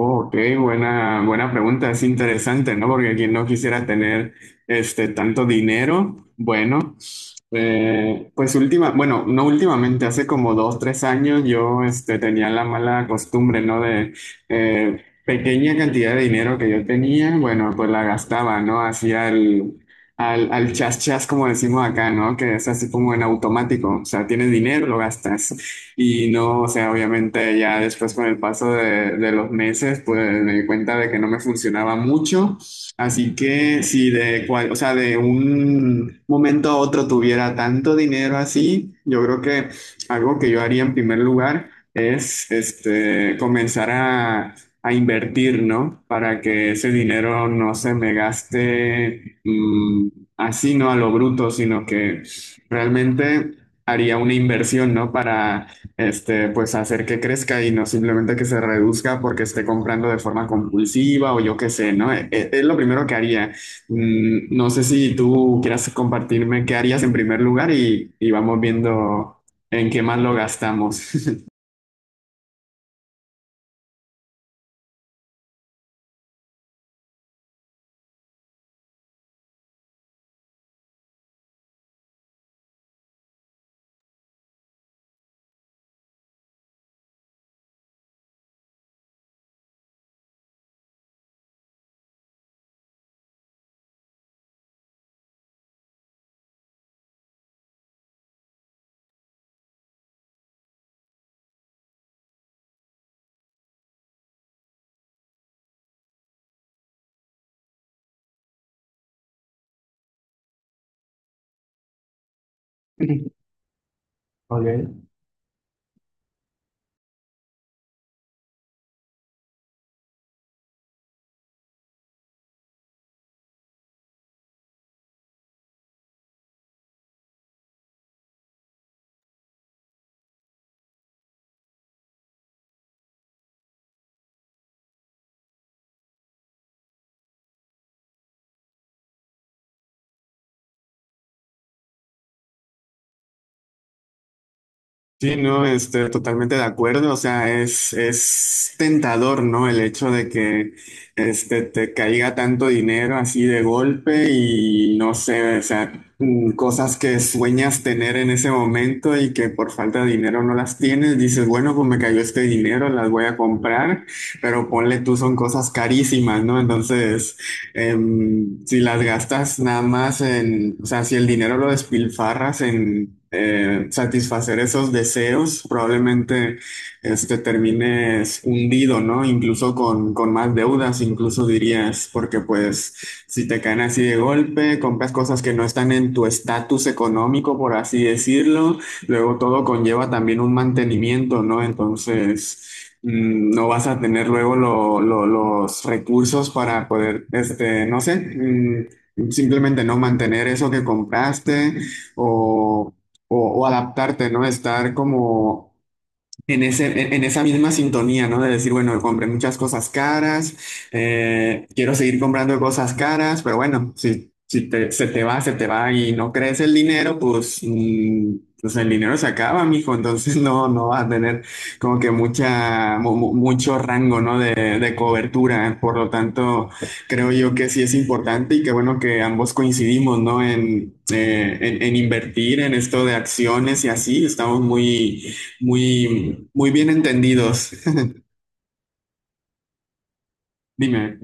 Ok, buena, buena pregunta, es interesante, ¿no? Porque quien no quisiera tener este tanto dinero, bueno, pues última, bueno, no últimamente, hace como 2, 3 años yo este, tenía la mala costumbre, ¿no? De pequeña cantidad de dinero que yo tenía, bueno, pues la gastaba, ¿no? Hacía al chas chas, como decimos acá, ¿no? Que es así como en automático, o sea, tienes dinero, lo gastas. Y no, o sea, obviamente ya después con el paso de los meses, pues me di cuenta de que no me funcionaba mucho. Así que si o sea, de un momento a otro tuviera tanto dinero así, yo creo que algo que yo haría en primer lugar es este, comenzar a invertir, ¿no? Para que ese dinero no se me gaste así, no a lo bruto, sino que realmente haría una inversión, ¿no? Para este, pues hacer que crezca y no simplemente que se reduzca porque esté comprando de forma compulsiva o yo qué sé, ¿no? Es, lo primero que haría. No sé si tú quieras compartirme qué harías en primer lugar y vamos viendo en qué más lo gastamos. Ok. Sí, no, este, totalmente de acuerdo. O sea, es tentador, ¿no? El hecho de que este, te caiga tanto dinero así de golpe y no sé, o sea, cosas que sueñas tener en ese momento y que por falta de dinero no las tienes. Dices, bueno, pues me cayó este dinero, las voy a comprar, pero ponle tú, son cosas carísimas, ¿no? Entonces si las gastas nada más o sea, si el dinero lo despilfarras en satisfacer esos deseos, probablemente este, termines hundido, ¿no? Incluso con más deudas, incluso dirías, porque pues si te caen así de golpe, compras cosas que no están en tu estatus económico, por así decirlo. Luego todo conlleva también un mantenimiento, ¿no? Entonces, no vas a tener luego los recursos para poder, este, no sé, simplemente no mantener eso que compraste o, o adaptarte, ¿no? Estar como en ese, en esa misma sintonía, ¿no? De decir, bueno, compré muchas cosas caras, quiero seguir comprando cosas caras, pero bueno, si, si te- se te va y no crece el dinero, pues, pues el dinero se acaba, mijo, entonces no, no vas a tener como que mucho rango, ¿no? De cobertura, por lo tanto, creo yo que sí es importante y que bueno que ambos coincidimos, ¿no? En invertir en esto de acciones y así, estamos muy muy, muy bien entendidos. Dime.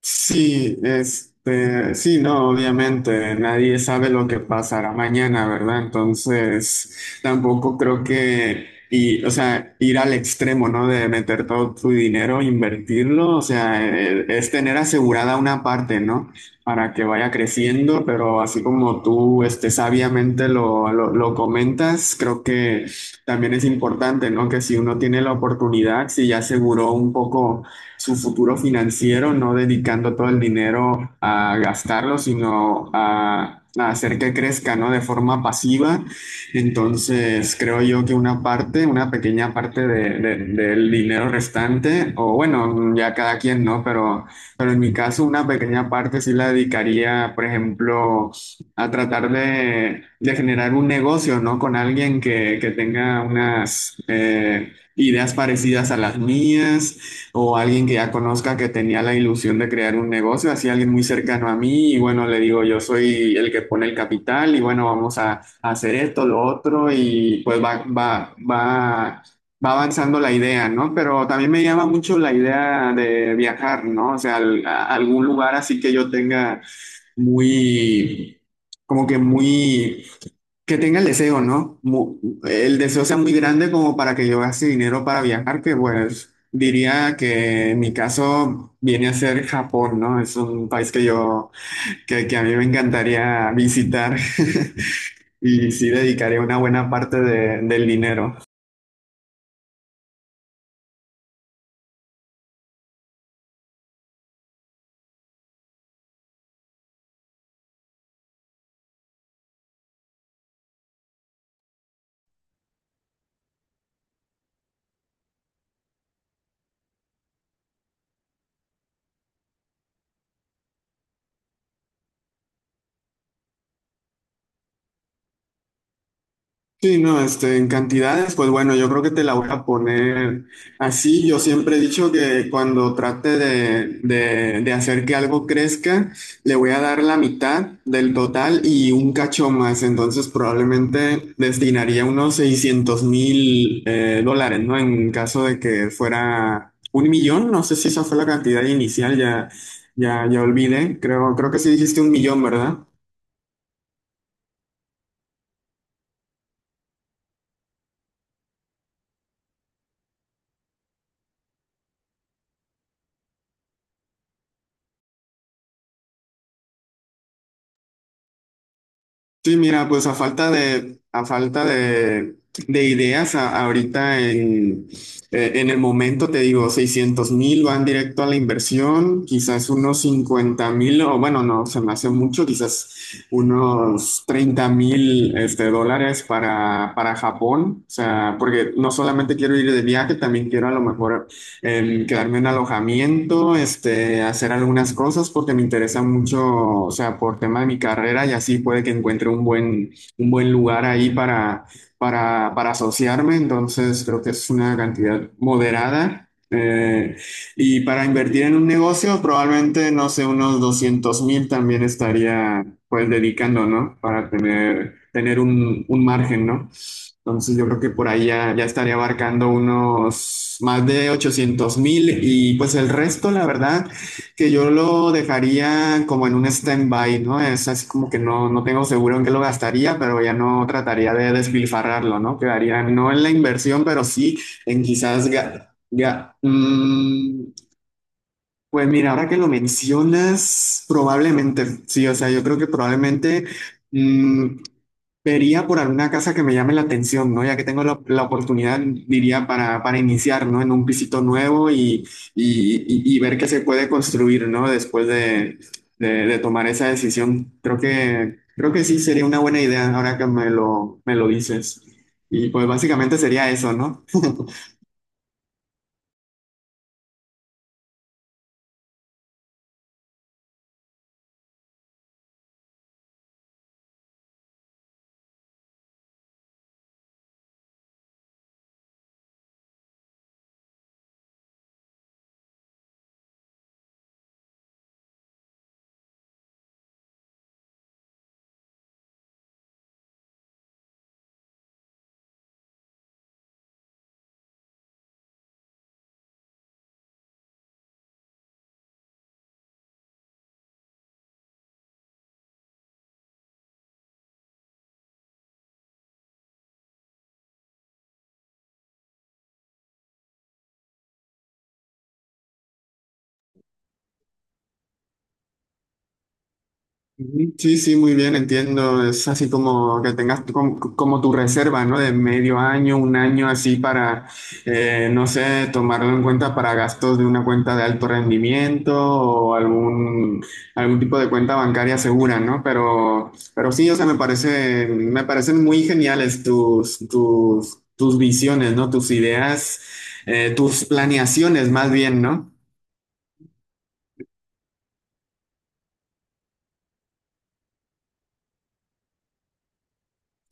Sí, este, sí, no, obviamente, nadie sabe lo que pasará mañana, ¿verdad? Entonces, tampoco creo o sea, ir al extremo, ¿no? De meter todo tu dinero, invertirlo, o sea, es tener asegurada una parte, ¿no? Para que vaya creciendo, pero así como tú, este, sabiamente lo comentas, creo que también es importante, ¿no? Que si uno tiene la oportunidad, si ya aseguró un poco su futuro financiero, no dedicando todo el dinero a gastarlo, sino a hacer que crezca, ¿no? De forma pasiva. Entonces, creo yo que una parte, una pequeña parte del dinero restante, o bueno, ya cada quien, ¿no? Pero en mi caso, una pequeña parte sí la dedicaría, por ejemplo, a tratar de generar un negocio, ¿no? Con alguien que tenga unas ideas parecidas a las mías o alguien que ya conozca que tenía la ilusión de crear un negocio, así alguien muy cercano a mí y bueno, le digo, yo soy el que pone el capital y bueno, vamos a hacer esto, lo otro y pues va avanzando la idea, ¿no? Pero también me llama mucho la idea de viajar, ¿no? O sea, a algún lugar así que yo tenga muy, como que muy. Que tenga el deseo, ¿no? El deseo sea muy grande como para que yo gaste dinero para viajar, que bueno, diría que en mi caso viene a ser Japón, ¿no? Es un país que a mí me encantaría visitar. Y sí dedicaría una buena parte del dinero. Sí, no, este, en cantidades, pues bueno, yo creo que te la voy a poner así. Yo siempre he dicho que cuando trate de hacer que algo crezca, le voy a dar la mitad del total y un cacho más. Entonces probablemente destinaría unos 600,000 dólares, ¿no? En caso de que fuera 1 millón, no sé si esa fue la cantidad inicial, ya, ya, ya olvidé. Creo que sí dijiste 1 millón, ¿verdad? Sí, mira, pues a falta de ideas, ahorita en el momento, te digo, 600,000 van directo a la inversión, quizás unos 50,000, o bueno, no, se me hace mucho, quizás unos 30,000 este, dólares para, Japón, o sea, porque no solamente quiero ir de viaje, también quiero a lo mejor quedarme en alojamiento, este, hacer algunas cosas porque me interesa mucho, o sea, por tema de mi carrera y así puede que encuentre un buen, lugar ahí para asociarme, entonces creo que es una cantidad moderada. Y para invertir en un negocio, probablemente, no sé, unos 200,000 también estaría pues dedicando, ¿no? Para tener un margen, ¿no? Entonces yo creo que por ahí ya, ya estaría abarcando unos más de 800,000 y pues el resto, la verdad, que yo lo dejaría como en un stand-by, ¿no? Es así como que no, no tengo seguro en qué lo gastaría, pero ya no trataría de despilfarrarlo, ¿no? Quedaría no en la inversión, pero sí en quizás. Pues mira, ahora que lo mencionas, probablemente, sí, o sea, yo creo que probablemente. mm, Vería por alguna casa que me llame la atención, ¿no? Ya que tengo la oportunidad, diría, para iniciar, ¿no? En un pisito nuevo y ver qué se puede construir, ¿no? Después de tomar esa decisión. Creo que sí sería una buena idea ahora que me lo dices. Y pues básicamente sería eso, ¿no? Ujú. Sí, sí, muy bien, entiendo. Es así como que tengas como, tu reserva, ¿no? De medio año, un año así para, no sé, tomarlo en cuenta para gastos de una cuenta de alto rendimiento o algún tipo de cuenta bancaria segura, ¿no? Pero sí, o sea, me parece, me parecen muy geniales tus, tus visiones, ¿no? Tus ideas, tus planeaciones más bien, ¿no?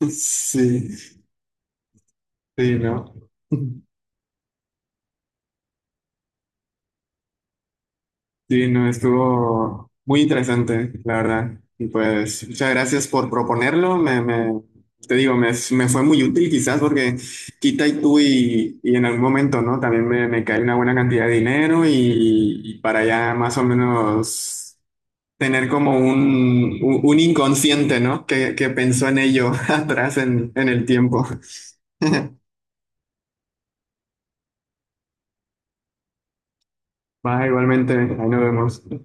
Sí, sí, ¿no? Sí, no, estuvo muy interesante, la verdad. Y pues muchas gracias por proponerlo. Te digo, me fue muy útil quizás porque quita y tú y en algún momento, ¿no? También me cae una buena cantidad de dinero y para ya más o menos tener como un, un inconsciente, ¿no? Que pensó en ello atrás en el tiempo. Va, igualmente, ahí nos vemos.